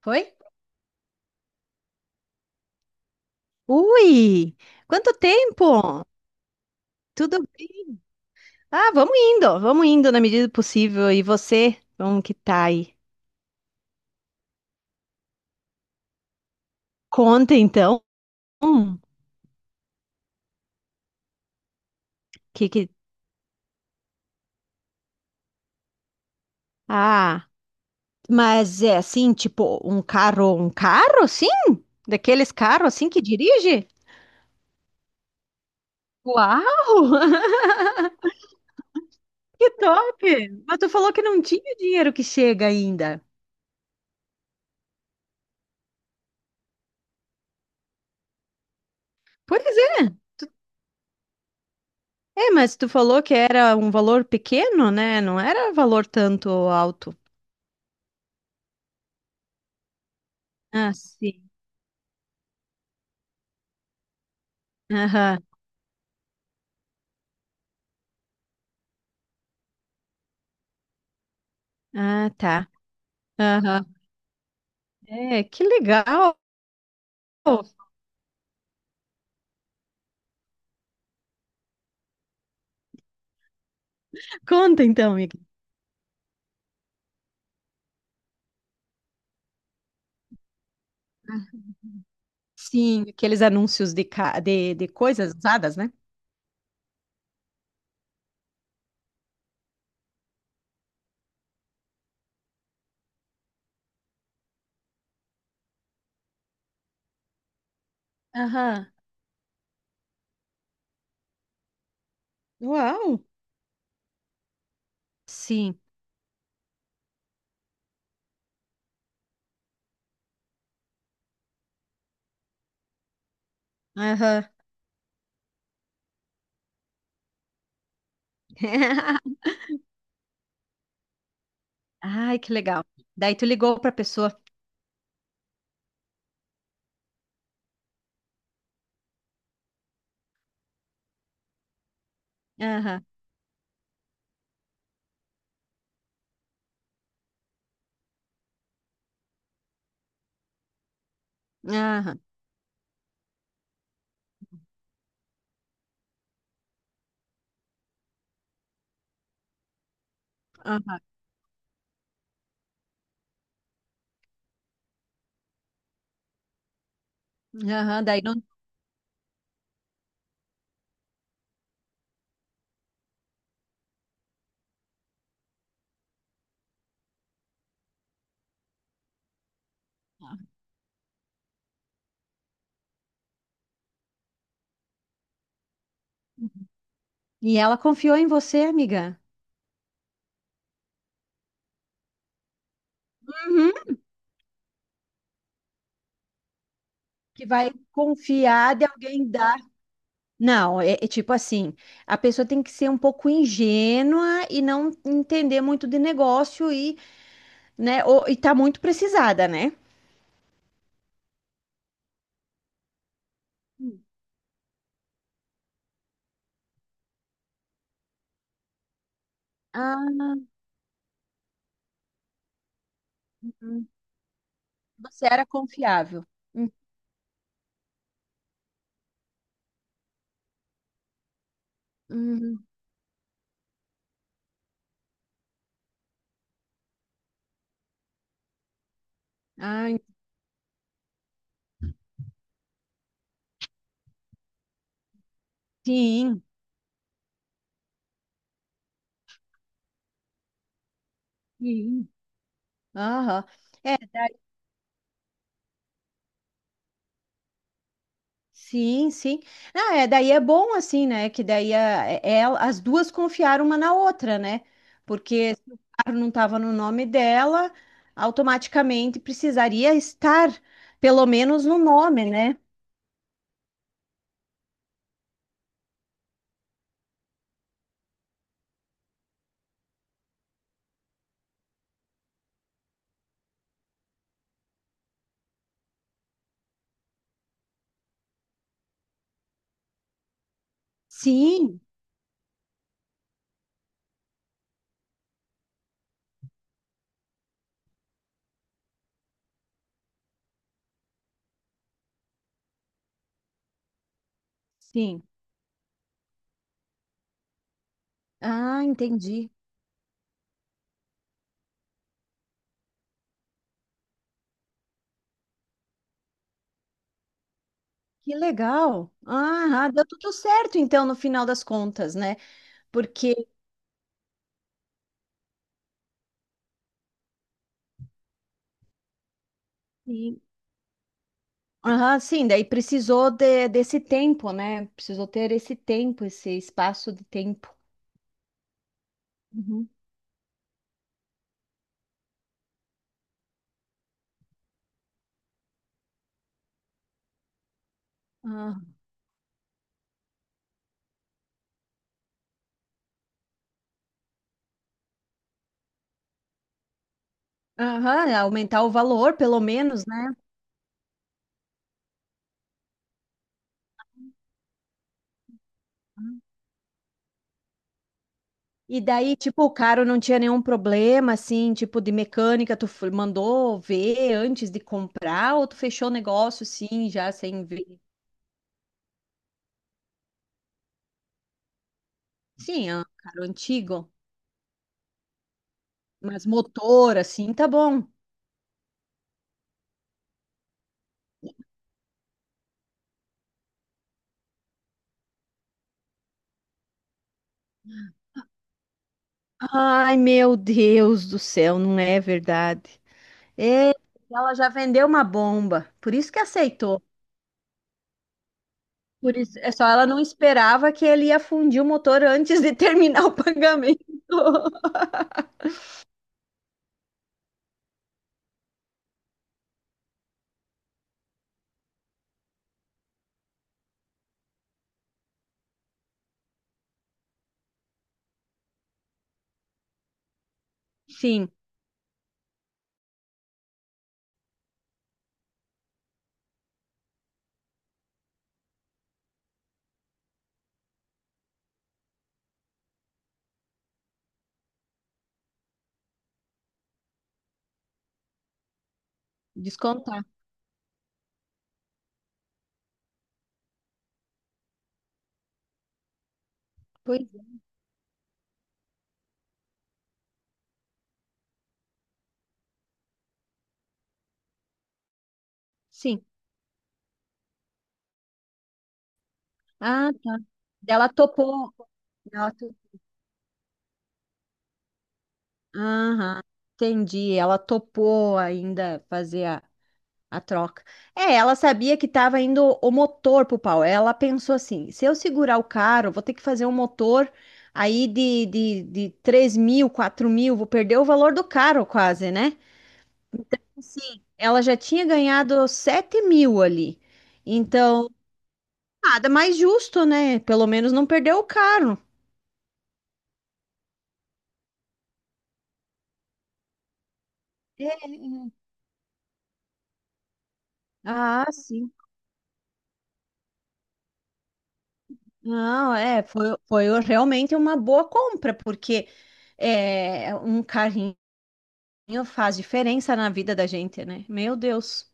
Foi, ui! Quanto tempo? Tudo bem? Ah, vamos indo na medida do possível. E você, como que tá aí? Conta então. Hum, que que. Ah, mas é assim, tipo, um carro, sim? Daqueles carros assim que dirige? Uau! Que top! Mas tu falou que não tinha dinheiro que chega ainda. Pois é. É, mas tu falou que era um valor pequeno, né? Não era valor tanto alto. Ah, sim. Aham. Ah, tá. Aham. É, que legal. Conta então, amiga. Ah, sim, aqueles anúncios de coisas usadas, né? Aham. Uau. Sim. Aham. Ai, que legal. Daí tu ligou para a pessoa. Aham. Aham. Aham. Aham. Daí não. E ela confiou em você, amiga. Uhum. Que vai confiar de alguém dar. Não, é tipo assim, a pessoa tem que ser um pouco ingênua e não entender muito de negócio e, né, ou, e tá muito precisada, né? Ah, hum, você era confiável. Hum, hum. Ah, sim, sim. Aham. Sim, sim. Não, é, daí é bom assim, né? Que daí as duas confiaram uma na outra, né? Porque se o carro não estava no nome dela, automaticamente precisaria estar, pelo menos, no nome, né? Sim, sim. Ah, entendi. Que legal. Ah, deu tudo certo, então, no final das contas, né? Porque, sim, ah, sim, daí precisou desse tempo, né? Precisou ter esse tempo, esse espaço de tempo. Ah, aham, é, aumentar o valor, pelo menos, né? E daí, tipo, o carro não tinha nenhum problema, assim, tipo, de mecânica, tu mandou ver antes de comprar ou tu fechou o negócio, sim, já sem ver? Sim, é um carro antigo, mas motor, assim, tá bom. Ai, meu Deus do céu, não é verdade. Ela já vendeu uma bomba, por isso que aceitou. Por isso, é só ela não esperava que ele ia fundir o motor antes de terminar o pagamento. Sim, descontar. Pois é. Sim. Ah, tá. Ela topou. Ela to- Aham, entendi. Ela topou ainda fazer a troca. É, ela sabia que estava indo o motor pro pau. Ela pensou assim: se eu segurar o carro, vou ter que fazer um motor aí de 3.000, 4.000, vou perder o valor do carro quase, né? Sim. Ela já tinha ganhado 7.000 ali. Então, nada mais justo, né? Pelo menos não perdeu o carro. Ah, sim. Não, é, foi realmente uma boa compra, porque é, um carrinho faz diferença na vida da gente, né? Meu Deus.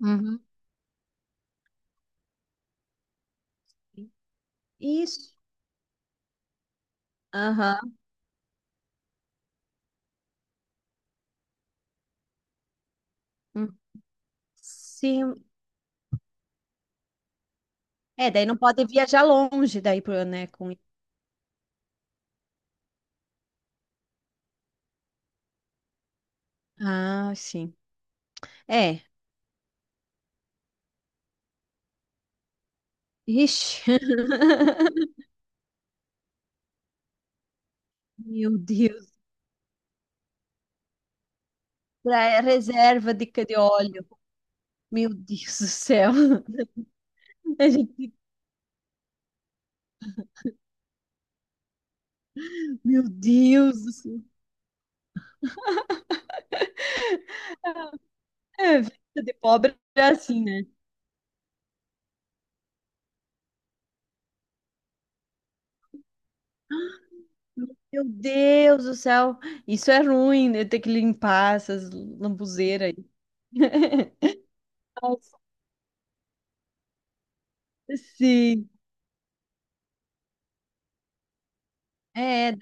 Uhum. Isso. Aham. Hum. Sim. É, daí não pode viajar longe daí, né? Com. Ah, sim. É. Ixi. Meu Deus. Pra é, reserva de óleo. Meu Deus do céu. A gente- fica, Meu Deus do céu. É, vida de pobre é assim, né? Meu Deus do céu, isso é ruim, né? Ter que limpar essas lambuzeiras aí. Nossa. Sim, é,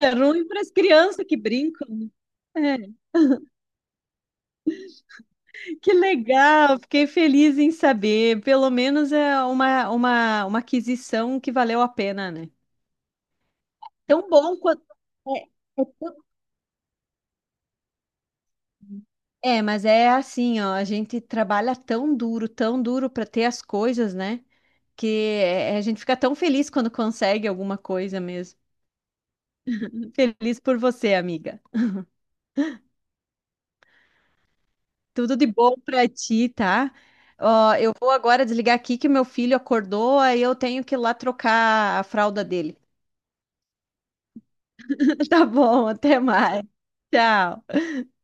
é ruim para as crianças que brincam. Né? É, que legal, fiquei feliz em saber. Pelo menos é uma aquisição que valeu a pena, né? Tão bom quanto. É, é tão- mas é assim, ó, a gente trabalha tão duro para ter as coisas, né? A gente fica tão feliz quando consegue alguma coisa mesmo. Feliz por você, amiga. Tudo de bom pra ti, tá? Ó, eu vou agora desligar aqui que meu filho acordou, aí eu tenho que ir lá trocar a fralda dele. Tá bom, até mais. Tchau.